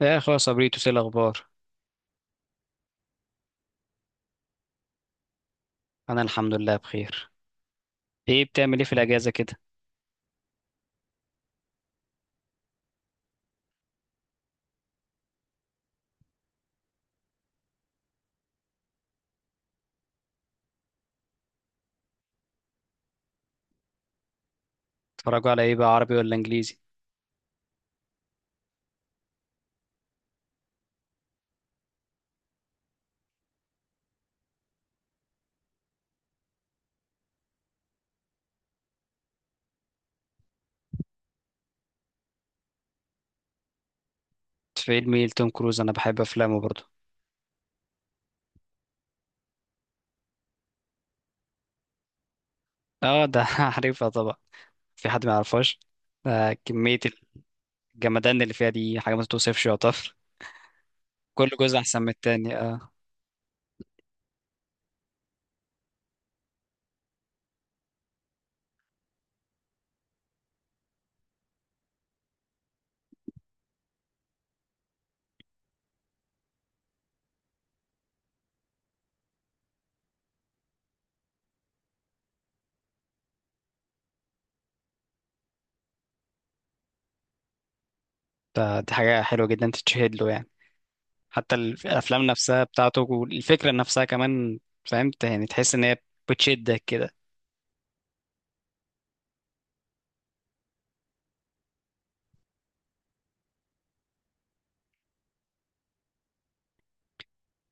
يا اخويا صبريتو، ايه الاخبار؟ انا الحمد لله بخير. ايه بتعمل ايه في الاجازه كده؟ اتفرجوا على ايه بقى، عربي ولا انجليزي؟ فيلم ايه لتوم كروز؟ انا بحب افلامه برضه. اه ده عارفها طبعا، في حد ما يعرفهاش؟ آه كميه. الجمدان اللي فيها دي حاجه ما تتوصفش يعتبر. كل جزء احسن من التاني، اه. دي حاجه حلوه جدا تتشهد له يعني. حتى الافلام نفسها بتاعته والفكره نفسها كمان. فهمت يعني، تحس ان هي بتشدك كده.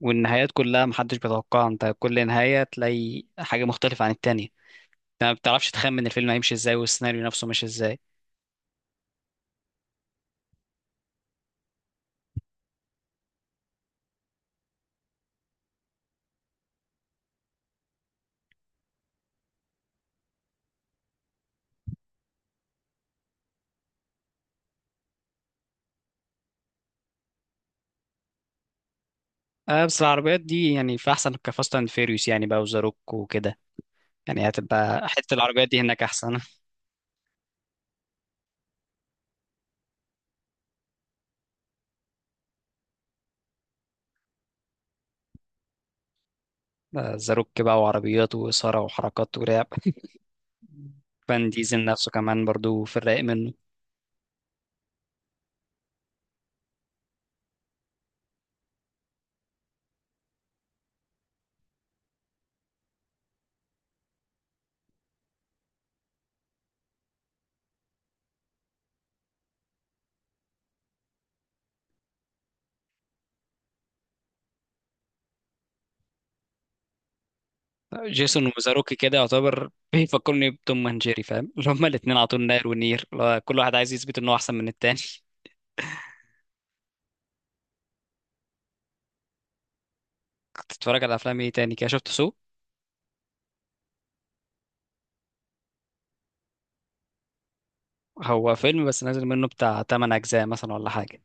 والنهايات كلها محدش بيتوقعها، انت كل نهايه تلاقي حاجه مختلفه عن التانية. ما بتعرفش تخمن الفيلم هيمشي ازاي والسيناريو نفسه ماشي ازاي. آه بس العربيات دي يعني في احسن، كفاست اند فيريوس يعني بقى وزاروك وكده. يعني هتبقى حته العربيات دي هناك احسن. زاروك بقى وعربيات واثاره وحركات ولعب. فان ديزل نفسه كمان برضو في الرايق منه. جيسون وزاروك كده يعتبر بيفكرني بتوم اند جيري، فاهم؟ اللي هما الاتنين على طول ناير ونير، اللي هو كل واحد عايز يثبت ان هو احسن من التاني. كنت بتتفرج على افلام ايه تاني كده؟ شفت سو؟ هو فيلم بس نازل منه بتاع 8 اجزاء مثلا ولا حاجه.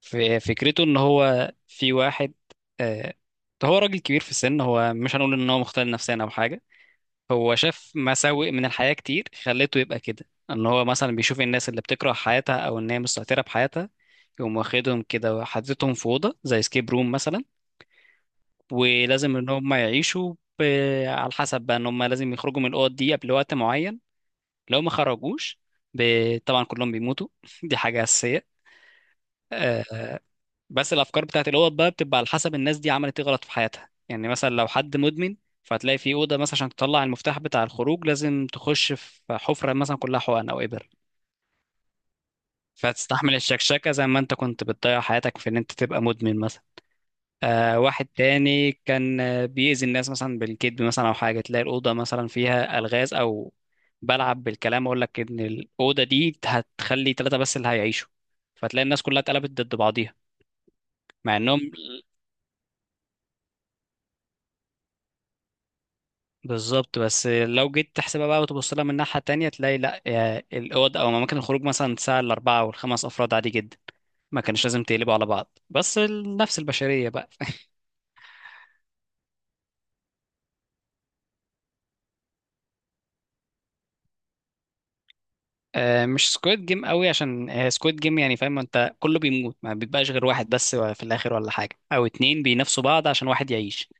في فكرته ان هو في واحد، آه، هو راجل كبير في السن. هو مش هنقول ان هو مختل نفسيا او حاجه، هو شاف مساوئ من الحياه كتير خلته يبقى كده. ان هو مثلا بيشوف الناس اللي بتكره حياتها او ان هي مستهتره بحياتها، يقوم واخدهم كده وحاططهم في اوضه زي سكيب روم مثلا. ولازم ان هم يعيشوا على حسب بقى، ان هم لازم يخرجوا من الاوض دي قبل وقت معين. لو ما خرجوش ب... طبعا كلهم بيموتوا. دي حاجه اساسيه. آه، بس الافكار بتاعت الاوض بقى بتبقى على حسب الناس دي عملت ايه غلط في حياتها. يعني مثلا لو حد مدمن، فهتلاقي في اوضه مثلا عشان تطلع المفتاح بتاع الخروج لازم تخش في حفره مثلا كلها حقن او ابر. فتستحمل الشكشكه زي ما انت كنت بتضيع حياتك في ان انت تبقى مدمن مثلا. آه واحد تاني كان بيأذي الناس مثلا بالكذب مثلا او حاجه، تلاقي الاوضه مثلا فيها الغاز او بلعب بالكلام. اقول لك ان الاوضه دي هتخلي ثلاثه بس اللي هيعيشوا، فتلاقي الناس كلها اتقلبت ضد بعضيها مع انهم بالظبط. بس لو جيت تحسبها بقى وتبص لها من ناحية تانية، تلاقي لا، يا الأوض أو أماكن الخروج مثلا تسع الأربعة والخمس أفراد عادي جدا. ما كانش لازم تقلبوا على بعض، بس النفس البشرية بقى. مش سكويد جيم قوي، عشان سكويد جيم يعني فاهم انت كله بيموت ما بيبقاش غير واحد بس في الآخر ولا حاجة، أو اتنين بينافسوا بعض عشان واحد يعيش.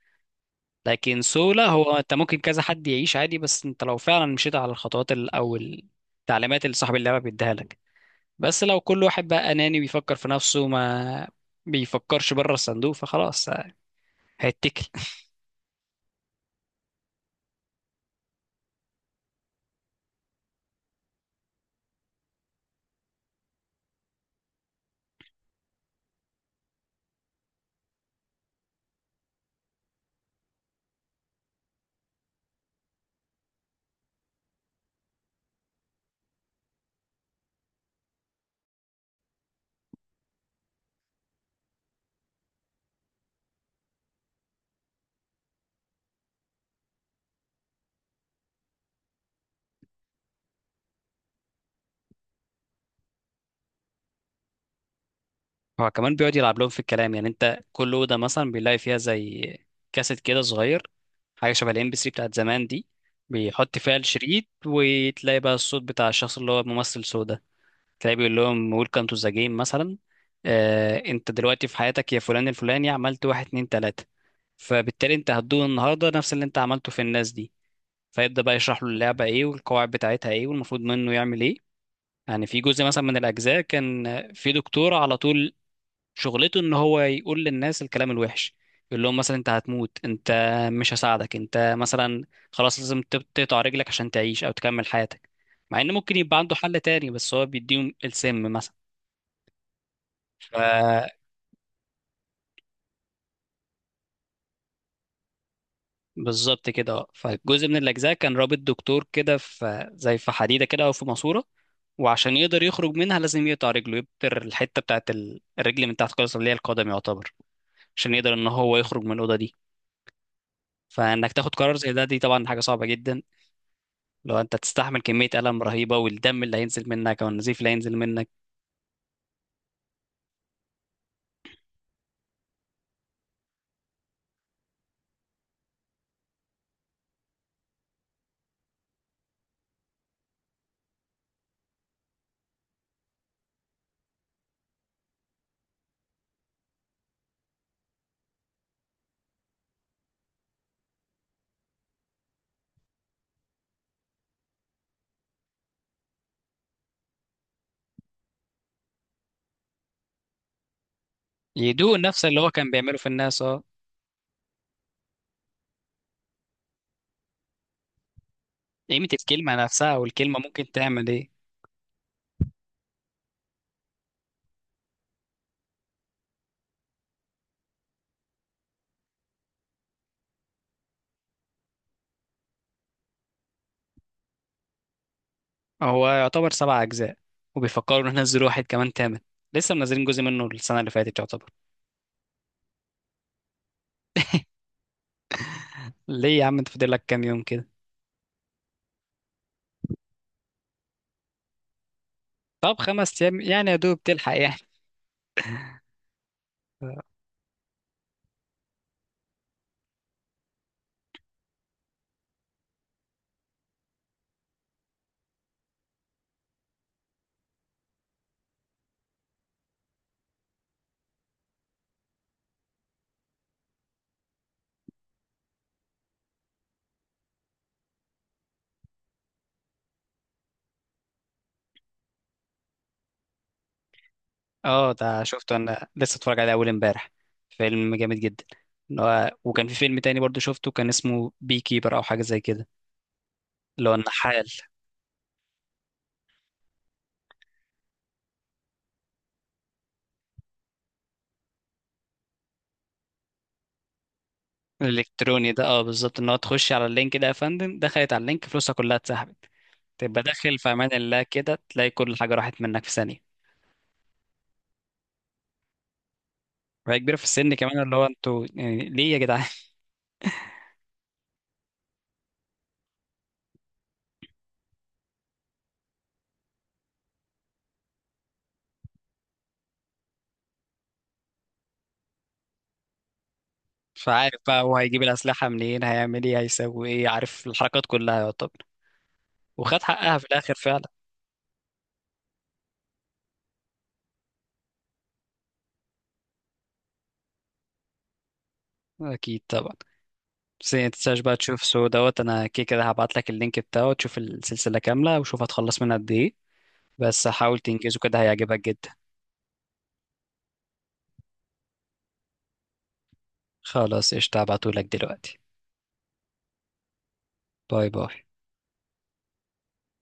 لكن سولا هو انت ممكن كذا حد يعيش عادي، بس انت لو فعلا مشيت على الخطوات أو التعليمات اللي صاحب اللعبة بيديها لك. بس لو كل واحد بقى أناني بيفكر في نفسه ما بيفكرش بره الصندوق، فخلاص هيتكل. هو كمان بيقعد يلعب لهم في الكلام. يعني انت كل أوضة مثلا بيلاقي فيها زي كاسيت كده صغير، حاجة شبه الام بي 3 بتاعت زمان دي. بيحط فيها الشريط وتلاقي بقى الصوت بتاع الشخص اللي هو ممثل سودا، تلاقي بيقول لهم ويلكم تو ذا جيم مثلا. آه انت دلوقتي في حياتك يا فلان الفلاني عملت واحد اتنين تلاتة، فبالتالي انت هتدوق النهارده نفس اللي انت عملته في الناس دي. فيبدأ بقى يشرح له اللعبة ايه والقواعد بتاعتها ايه والمفروض منه يعمل ايه. يعني في جزء مثلا من الأجزاء كان في دكتور على طول، شغلته ان هو يقول للناس الكلام الوحش. يقول لهم مثلا انت هتموت، انت مش هساعدك انت مثلا، خلاص لازم تقطع رجلك عشان تعيش او تكمل حياتك. مع ان ممكن يبقى عنده حل تاني، بس هو بيديهم السم مثلا. بالظبط كده، اه. فجزء من الأجزاء كان رابط دكتور كده في زي في حديدة كده أو في ماسورة، وعشان يقدر يخرج منها لازم يقطع رجله، يبتر الحتة بتاعت الرجل من تحت خالص اللي هي القدم يعتبر، عشان يقدر إن هو يخرج من الأوضة دي. فإنك تاخد قرار زي ده دي طبعا حاجة صعبة جدا، لو أنت تستحمل كمية ألم رهيبة والدم اللي هينزل منك أو النزيف اللي هينزل منك. يدوق نفس اللي هو كان بيعمله في الناس، اه. قيمة الكلمة نفسها، والكلمة ممكن تعمل إيه. هو يعتبر 7 أجزاء، وبيفكروا إن احنا ننزلوا واحد كمان تامن. لسه منزلين جزء منه السنة اللي فاتت يعتبر. ليه يا عم، انت فاضل لك كام يوم كده؟ طب 5 أيام يعني، يا دوب تلحق يعني. اه ده شفته، أنا لسه اتفرج عليه أول امبارح. فيلم جامد جدا. إن هو وكان في فيلم تاني برضو شفته كان اسمه بي كيبر أو حاجة زي كده، اللي هو النحال. الإلكتروني ده، اه بالظبط. إن هو تخش على اللينك ده يا فندم، دخلت على اللينك فلوسها كلها اتسحبت. تبقى داخل في أمان الله كده تلاقي كل حاجة راحت منك في ثانية. وهي كبيرة في السن كمان، اللي هو انتوا يعني ليه يا جدعان. مش عارف بقى هو هيجيب الأسلحة منين، هيعمل ايه هيسوي ايه، عارف الحركات كلها يعتبر. وخد حقها في الآخر فعلا. أكيد طبعا. بس ما تنساش بقى تشوف سو دوت، أنا كده كده هبعت لك اللينك بتاعه تشوف السلسلة كاملة، وشوف هتخلص منها قد ايه. بس حاول تنجزه كده، هيعجبك جدا. خلاص قشطة، هبعتهولك دلوقتي. باي باي.